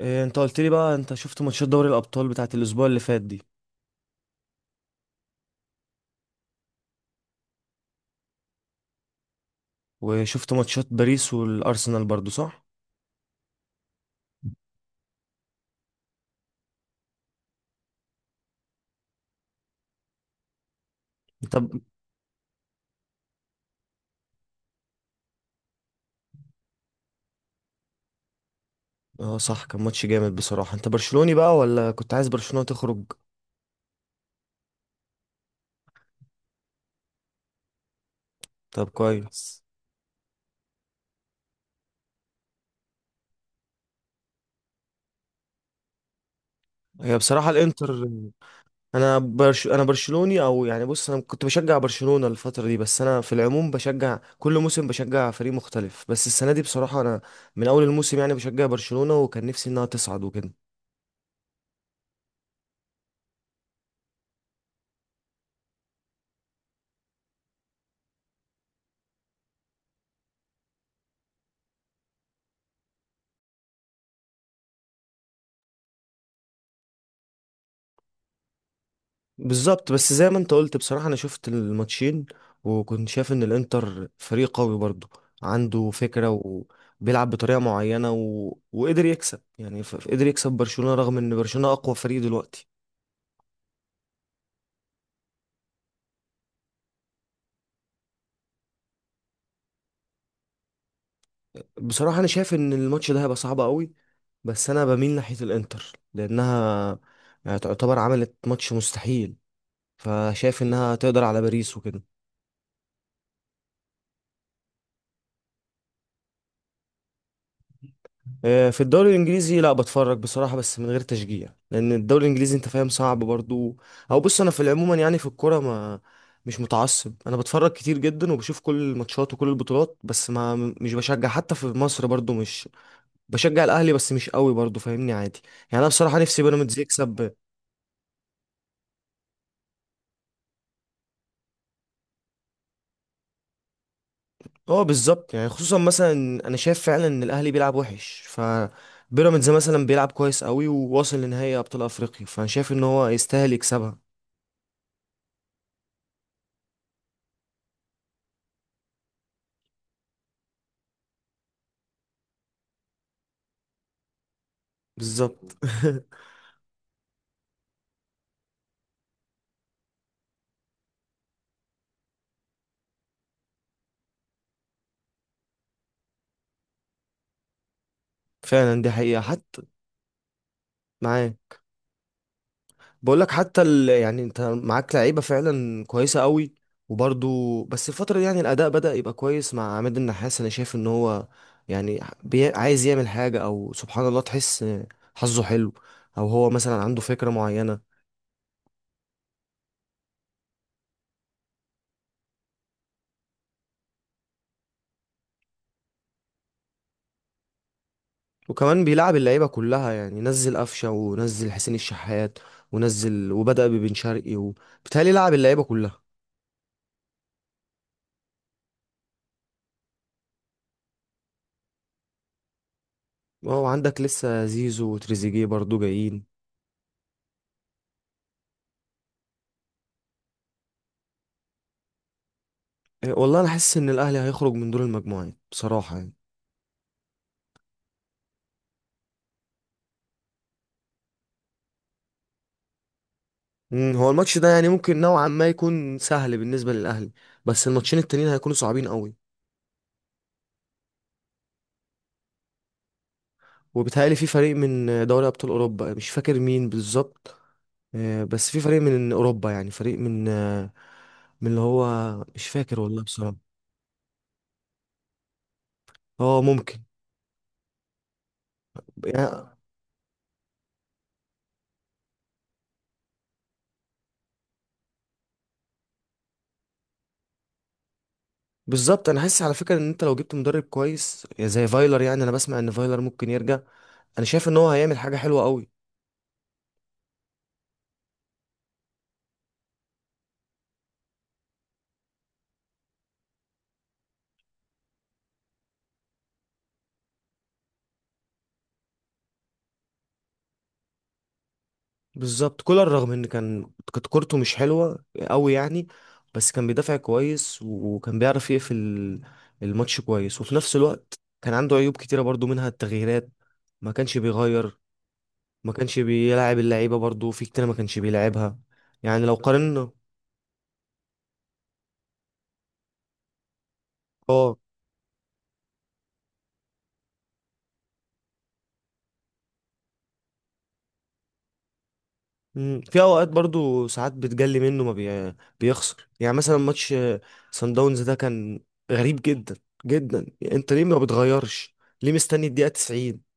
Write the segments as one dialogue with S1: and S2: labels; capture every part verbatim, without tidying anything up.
S1: إيه، انت قلت لي بقى انت شفت ماتشات دوري الابطال بتاعت الاسبوع اللي فات دي. وشفت ماتشات باريس والارسنال برضو صح. انت ب... اه صح، كان ماتش جامد بصراحة. انت برشلوني بقى ولا كنت عايز برشلونة تخرج؟ طب كويس. هي بصراحة الانتر. انا برش... انا برشلوني او يعني بص، انا كنت بشجع برشلونة الفترة دي، بس انا في العموم بشجع كل موسم، بشجع فريق مختلف، بس السنة دي بصراحة انا من اول الموسم يعني بشجع برشلونة وكان نفسي انها تصعد وكده. بالظبط، بس زي ما انت قلت بصراحة انا شفت الماتشين وكنت شايف ان الانتر فريق قوي برضه، عنده فكرة وبيلعب بطريقة معينة و... وقدر يكسب يعني، ف... قدر يكسب برشلونة رغم ان برشلونة اقوى فريق دلوقتي. بصراحة انا شايف ان الماتش ده هيبقى صعب قوي، بس انا بميل ناحية الانتر لانها يعني تعتبر عملت ماتش مستحيل، فشايف انها تقدر على باريس وكده. آه، في الدوري الانجليزي لا بتفرج بصراحه بس من غير تشجيع، لان الدوري الانجليزي انت فاهم صعب برضو. او بص انا في العموم يعني في الكوره ما مش متعصب، انا بتفرج كتير جدا وبشوف كل الماتشات وكل البطولات، بس ما مش بشجع. حتى في مصر برضو، مش بشجع الاهلي بس مش قوي برضو، فاهمني عادي. يعني انا بصراحه نفسي بيراميدز يكسب. اه بالظبط، يعني خصوصا مثلا انا شايف فعلا ان الاهلي بيلعب وحش، ف بيراميدز مثلا بيلعب كويس قوي وواصل لنهائي ابطال افريقيا، فانا شايف ان هو يستاهل يكسبها. بالظبط. فعلا دي حقيقة حتى. معاك. بقول لك حتى ال... يعني انت معاك لعيبة فعلا كويسة قوي، وبرضو بس الفترة دي يعني الأداء بدأ يبقى كويس مع عماد النحاس. أنا شايف إن هو يعني بي... عايز يعمل حاجة، أو سبحان الله تحس حظه حلو، أو هو مثلا عنده فكرة معينة. وكمان بيلعب اللعيبة كلها يعني، نزل قفشة ونزل حسين الشحات، ونزل وبدأ ببن شرقي وبالتهيألي لعب اللعيبة كلها. وعندك لسه زيزو وتريزيجيه برضو جايين. إيه، والله انا حاسس ان الاهلي هيخرج من دور المجموعات بصراحه يعني. مم، هو الماتش ده يعني ممكن نوعا ما يكون سهل بالنسبه للاهلي، بس الماتشين التانيين هيكونوا صعبين قوي. وبيتهيألي في فريق من دوري ابطال اوروبا مش فاكر مين بالظبط. آه، بس في فريق من اوروبا، يعني فريق من آه، من اللي هو، مش فاكر والله بصراحه. اه ممكن. يعني بالظبط، انا حاسس على فكره ان انت لو جبت مدرب كويس زي فايلر، يعني انا بسمع ان فايلر ممكن يرجع، انا شايف ان هو هيعمل حاجه حلوه قوي. بالظبط، كولر رغم ان كان كانت كورته مش حلوه قوي يعني، بس كان بيدافع كويس وكان بيعرف يقفل الماتش كويس، وفي نفس الوقت كان عنده عيوب كتيره برضو، منها التغييرات، ما كانش بيغير، ما كانش بيلعب اللعيبه برضو، في كتير ما كانش بيلعبها يعني لو قارنا. اه. مم، في اوقات برضو ساعات بتجلي منه ما بي... بيخسر يعني، مثلا ماتش سان داونز ده كان غريب جدا جدا. انت ليه ما بتغيرش؟ ليه مستني الدقيقه تسعين؟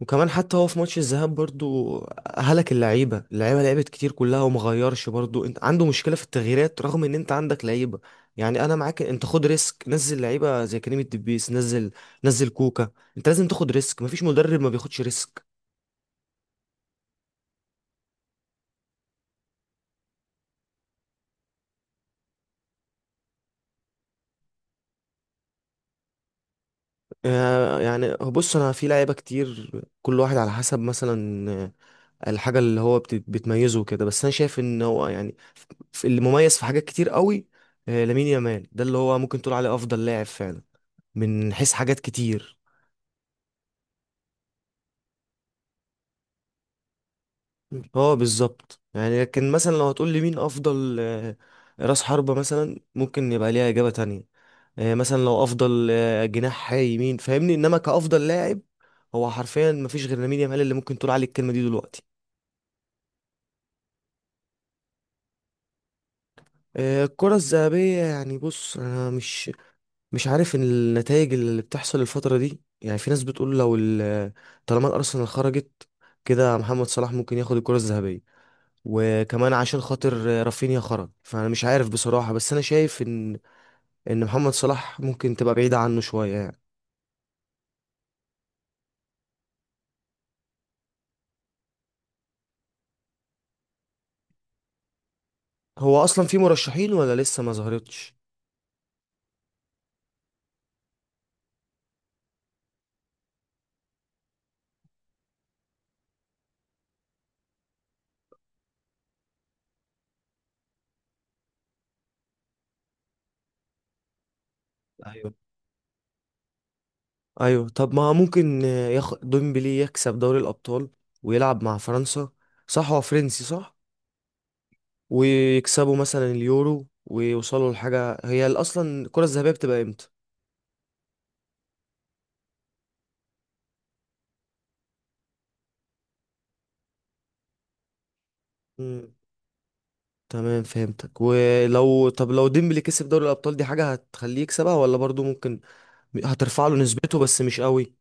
S1: وكمان حتى هو في ماتش الذهاب برضو هلك اللعيبه، اللعيبه لعبت كتير كلها وما غيرش برضو، انت عنده مشكله في التغييرات رغم ان انت عندك لعيبه، يعني انا معاك، انت خد ريسك، نزل لعيبه زي كريم الدبيس، نزل نزل كوكا. انت لازم تاخد ريسك، مفيش مدرب ما بياخدش ريسك. آه، يعني بص انا في لعيبه كتير، كل واحد على حسب مثلا آه، الحاجه اللي هو بت- بتميزه كده، بس انا شايف ان هو يعني في- اللي مميز في حاجات كتير قوي. آه، لامين يامال ده اللي هو ممكن تقول عليه افضل لاعب فعلا من حيث حاجات كتير. اه بالظبط، يعني لكن مثلا لو هتقول لي مين افضل آه، راس حربة، مثلا ممكن يبقى ليها اجابة تانية. آه، مثلا لو افضل آه، جناح يمين فاهمني، انما كافضل لاعب هو حرفيا مفيش غير لامين يامال اللي ممكن تقول عليه الكلمة دي دلوقتي. آه، الكرة الذهبية يعني بص انا مش مش عارف النتائج اللي بتحصل الفترة دي. يعني في ناس بتقول لو ال- طالما الارسنال خرجت كده، محمد صلاح ممكن ياخد الكرة الذهبية، وكمان عشان خاطر رافينيا خرج، فانا مش عارف بصراحة، بس انا شايف ان ان محمد صلاح ممكن تبقى بعيدة عنه شوية يعني. هو اصلا في مرشحين ولا لسه ما ظهرتش؟ ايوه. ايوه، طب ما ممكن ياخ... ديمبلي يكسب دوري الابطال ويلعب مع فرنسا، صح هو فرنسي صح؟ ويكسبوا مثلا اليورو ويوصلوا لحاجة. هي اصلا الكرة الذهبية بتبقى امتى؟ مم. تمام فهمتك. ولو طب لو ديمبلي كسب دوري الابطال دي حاجة هتخليه يكسبها، ولا برضو ممكن هترفع له نسبته بس مش قوي؟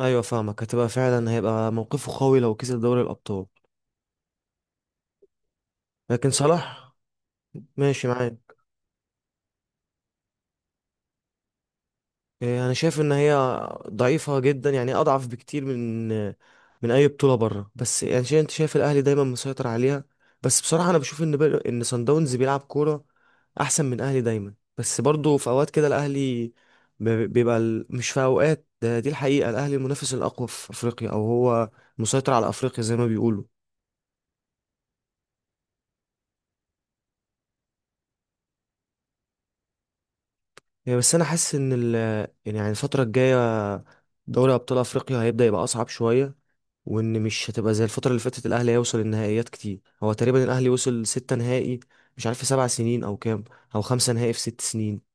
S1: ايوه فاهمك، هتبقى فعلا هيبقى موقفه قوي لو كسب دوري الابطال. لكن صلاح. ماشي معاك. إيه، انا شايف ان هي ضعيفه جدا، يعني اضعف بكتير من من اي بطوله بره. بس يعني شايف، انت شايف الاهلي دايما مسيطر عليها، بس بصراحه انا بشوف ان بر- ان صن داونز بيلعب كوره احسن من الاهلي دايما، بس برضه في اوقات كده الاهلي ب- بيبقى ال- مش في اوقات ده، دي الحقيقه، الاهلي المنافس الاقوى في افريقيا، او هو مسيطر على افريقيا زي ما بيقولوا يعني. بس انا حاسس ان ال يعني يعني الفتره الجايه دوري ابطال افريقيا هيبدا يبقى اصعب شويه، وان مش هتبقى زي الفتره اللي فاتت. الاهلي هيوصل النهائيات كتير، هو تقريبا الاهلي وصل ستة نهائي، مش عارف في سبع سنين او كام، او خمسة نهائي في ست سنين.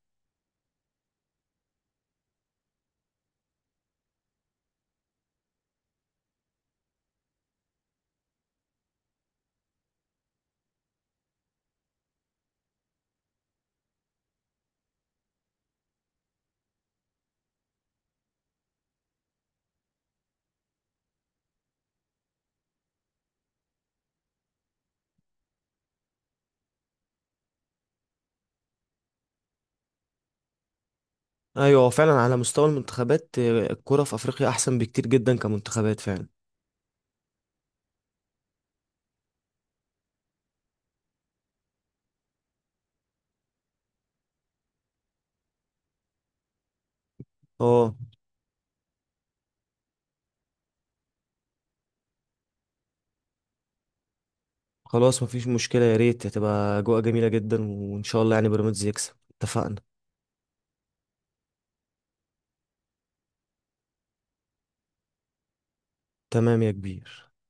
S1: ايوه هو فعلا على مستوى المنتخبات آه، الكره في افريقيا احسن بكتير جدا كمنتخبات فعلا. اه خلاص مفيش مشكله، يا ريت هتبقى اجواء جميله جدا، وان شاء الله يعني بيراميدز يكسب. اتفقنا. تمام يا كبير.